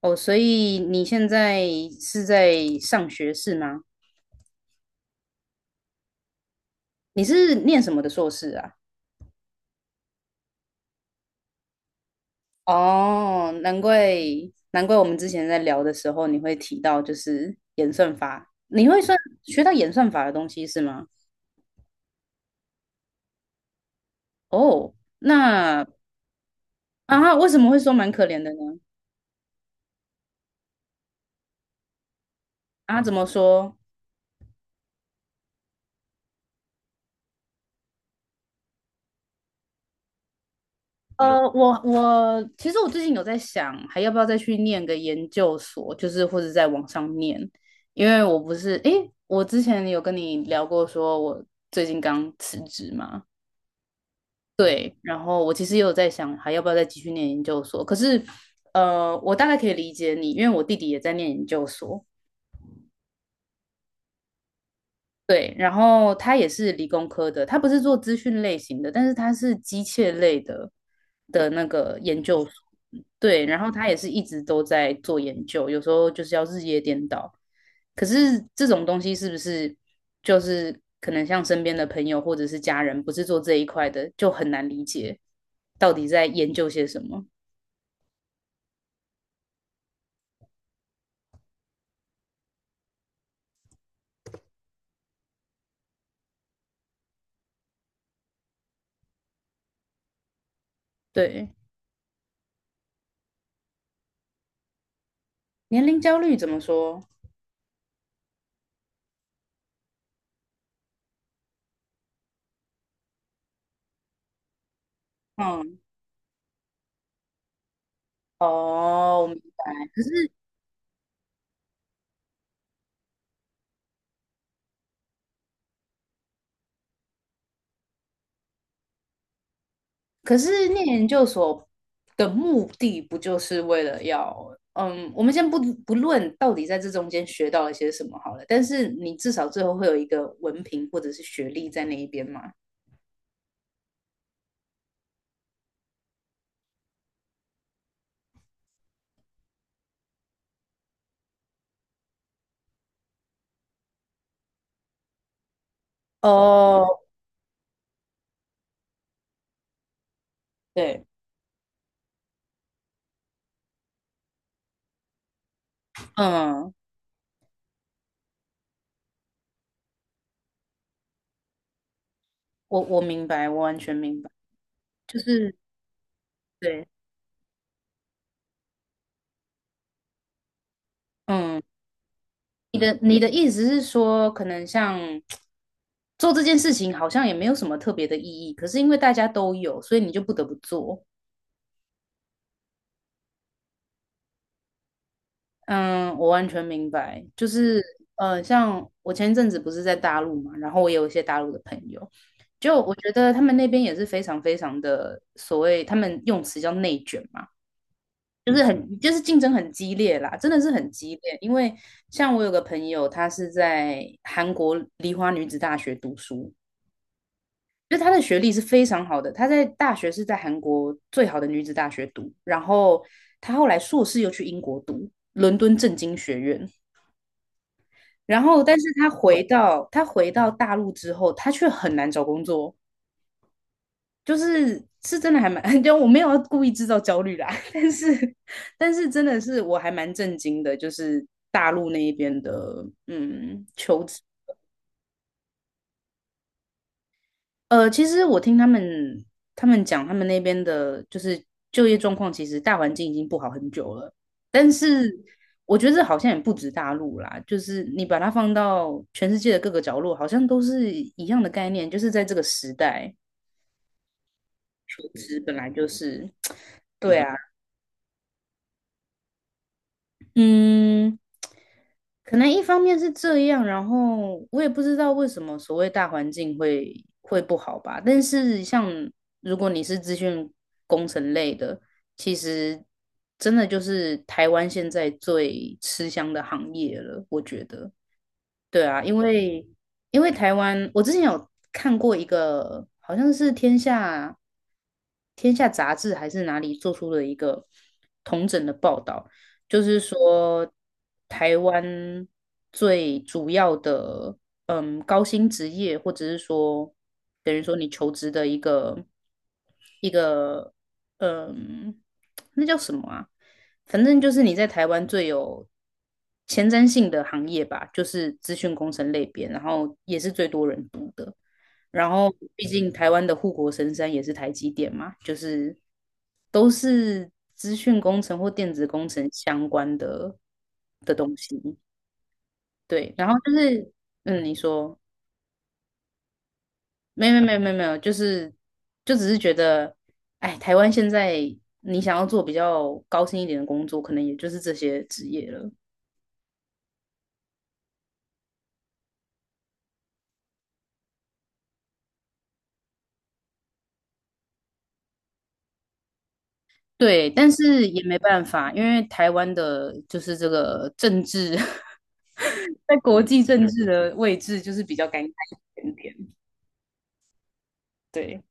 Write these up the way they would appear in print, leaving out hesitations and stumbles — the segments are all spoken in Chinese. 哦，所以你现在是在上学是吗？你是念什么的硕士啊？哦，难怪难怪我们之前在聊的时候你会提到就是演算法，你会算学到演算法的东西是吗？哦，那啊，为什么会说蛮可怜的呢？啊，怎么说？我其实我最近有在想，还要不要再去念个研究所，就是或者在网上念，因为我不是，诶，我之前有跟你聊过，说我最近刚辞职嘛，对，然后我其实也有在想，还要不要再继续念研究所，可是，呃，我大概可以理解你，因为我弟弟也在念研究所，对，然后他也是理工科的，他不是做资讯类型的，但是他是机械类的的那个研究所。对，然后他也是一直都在做研究，有时候就是要日夜颠倒。可是这种东西是不是就是可能像身边的朋友或者是家人不是做这一块的，就很难理解到底在研究些什么？对，年龄焦虑怎么说？嗯，哦，我明白。可是。可是念研究所的目的不就是为了要，嗯，我们先不论到底在这中间学到了些什么好了，但是你至少最后会有一个文凭或者是学历在那一边嘛？哦，对，嗯，我明白，我完全明白，就是对，嗯，你的意思是说，可能像做这件事情好像也没有什么特别的意义，可是因为大家都有，所以你就不得不做。嗯，我完全明白，就是像我前一阵子不是在大陆嘛，然后我也有一些大陆的朋友，就我觉得他们那边也是非常非常的所谓他们用词叫内卷嘛，就是很就是竞争很激烈啦，真的是很激烈。因为像我有个朋友，他是在韩国梨花女子大学读书，就他的学历是非常好的，他在大学是在韩国最好的女子大学读，然后他后来硕士又去英国读伦敦政经学院。然后，但是他回到大陆之后，他却很难找工作，就是是真的还蛮，就我没有要故意制造焦虑啦，但是但是真的是我还蛮震惊的，就是大陆那一边的嗯求职。其实我听他们讲，他们那边的就是就业状况，其实大环境已经不好很久了。但是我觉得这好像也不止大陆啦，就是你把它放到全世界的各个角落，好像都是一样的概念，就是在这个时代，求职本来就是，对啊，嗯，可能一方面是这样，然后我也不知道为什么所谓大环境会会不好吧。但是像如果你是资讯工程类的，其实真的就是台湾现在最吃香的行业了，我觉得。对啊，因为因为台湾，我之前有看过一个，好像是天下杂志还是哪里做出的一个统整的报道，就是说台湾最主要的嗯高薪职业，或者是说等于说你求职的一个一个嗯那叫什么啊？反正就是你在台湾最有前瞻性的行业吧，就是资讯工程类别，然后也是最多人读的。然后，毕竟台湾的护国神山也是台积电嘛，就是都是资讯工程或电子工程相关的的东西。对，然后就是，嗯，你说，没有没有没有没有，就是就只是觉得，哎，台湾现在你想要做比较高薪一点的工作，可能也就是这些职业了。对，但是也没办法，因为台湾的就是这个政治，在国际政治的位置就是比较尴尬一点点。对，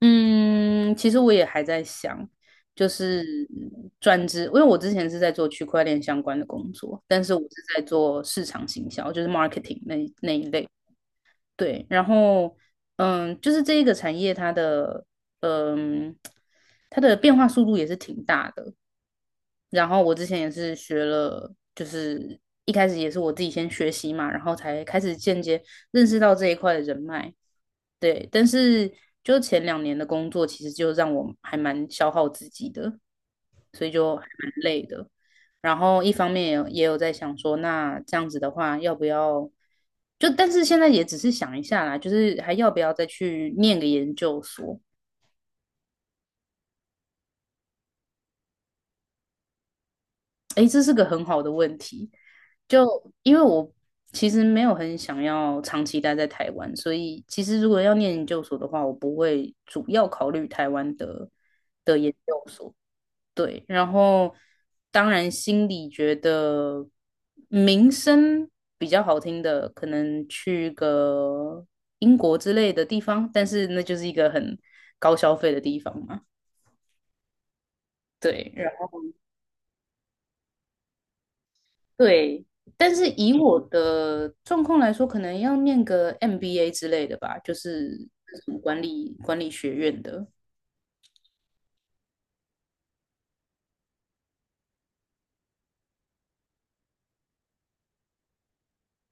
嗯，其实我也还在想，就是转职，因为我之前是在做区块链相关的工作，但是我是在做市场行销，就是 marketing 那一类。对，然后嗯，就是这一个产业它的嗯它的变化速度也是挺大的，然后我之前也是学了，就是一开始也是我自己先学习嘛，然后才开始间接认识到这一块的人脉。对，但是就前两年的工作，其实就让我还蛮消耗自己的，所以就还蛮累的。然后一方面也有在想说，那这样子的话，要不要就？但是现在也只是想一下啦，就是还要不要再去念个研究所？诶，这是个很好的问题。就因为我其实没有很想要长期待在台湾，所以其实如果要念研究所的话，我不会主要考虑台湾的的研究所。对，然后当然心里觉得名声比较好听的，可能去个英国之类的地方，但是那就是一个很高消费的地方嘛。对，对，但是以我的状况来说，可能要念个 MBA 之类的吧，就是管理学院的。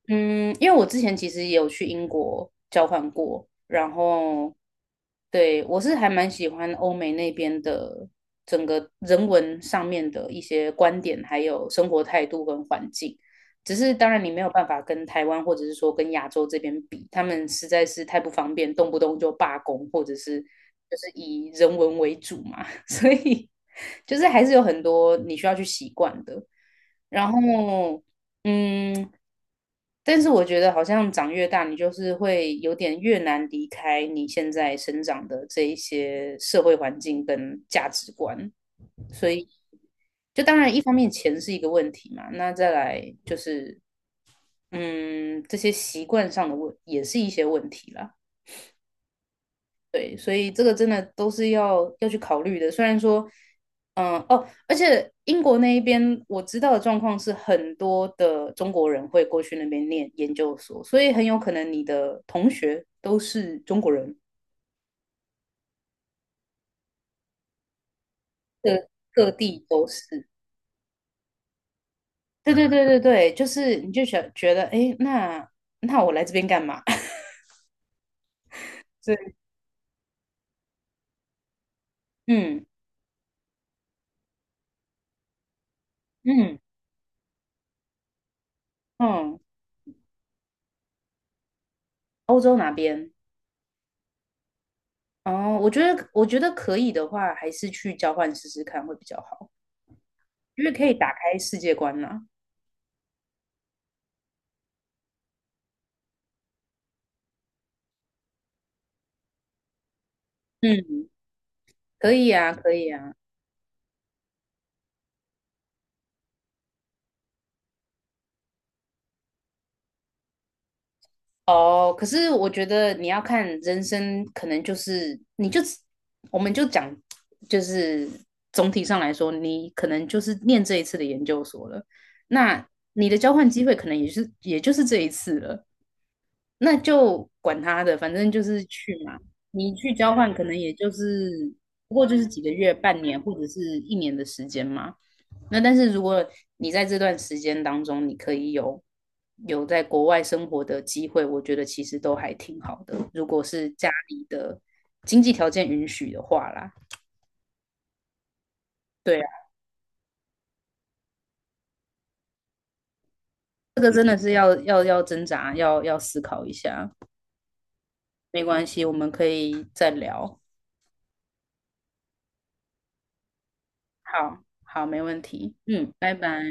嗯，因为我之前其实也有去英国交换过，然后对我是还蛮喜欢欧美那边的整个人文上面的一些观点，还有生活态度跟环境。只是当然你没有办法跟台湾或者是说跟亚洲这边比，他们实在是太不方便，动不动就罢工，或者是就是以人文为主嘛，所以就是还是有很多你需要去习惯的。然后，嗯，但是我觉得好像长越大，你就是会有点越难离开你现在生长的这一些社会环境跟价值观，所以就当然一方面钱是一个问题嘛，那再来就是嗯这些习惯上的问也是一些问题啦。对，所以这个真的都是要要去考虑的。虽然说，嗯、哦，而且英国那一边我知道的状况是，很多的中国人会过去那边念研究所，所以很有可能你的同学都是中国人，各各地都是。对对对对对，就是你就想觉得，哎，那那我来这边干嘛？所以，嗯嗯嗯，欧洲哪边？哦，我觉得可以的话，还是去交换试试看会比较好。就是可以打开世界观呐、嗯，可以啊，可以啊。哦，可是我觉得你要看人生，可能就是你就我们就讲，就是总体上来说，你可能就是念这一次的研究所了。那你的交换机会可能也是也就是这一次了。那就管他的，反正就是去嘛。你去交换，可能也就是不过就是几个月、半年或者是一年的时间嘛。那但是如果你在这段时间当中，你可以有有在国外生活的机会，我觉得其实都还挺好的。如果是家里的经济条件允许的话啦，对啊，这个真的是要要要挣扎，要要思考一下。没关系，我们可以再聊。好，好，没问题。嗯，拜拜。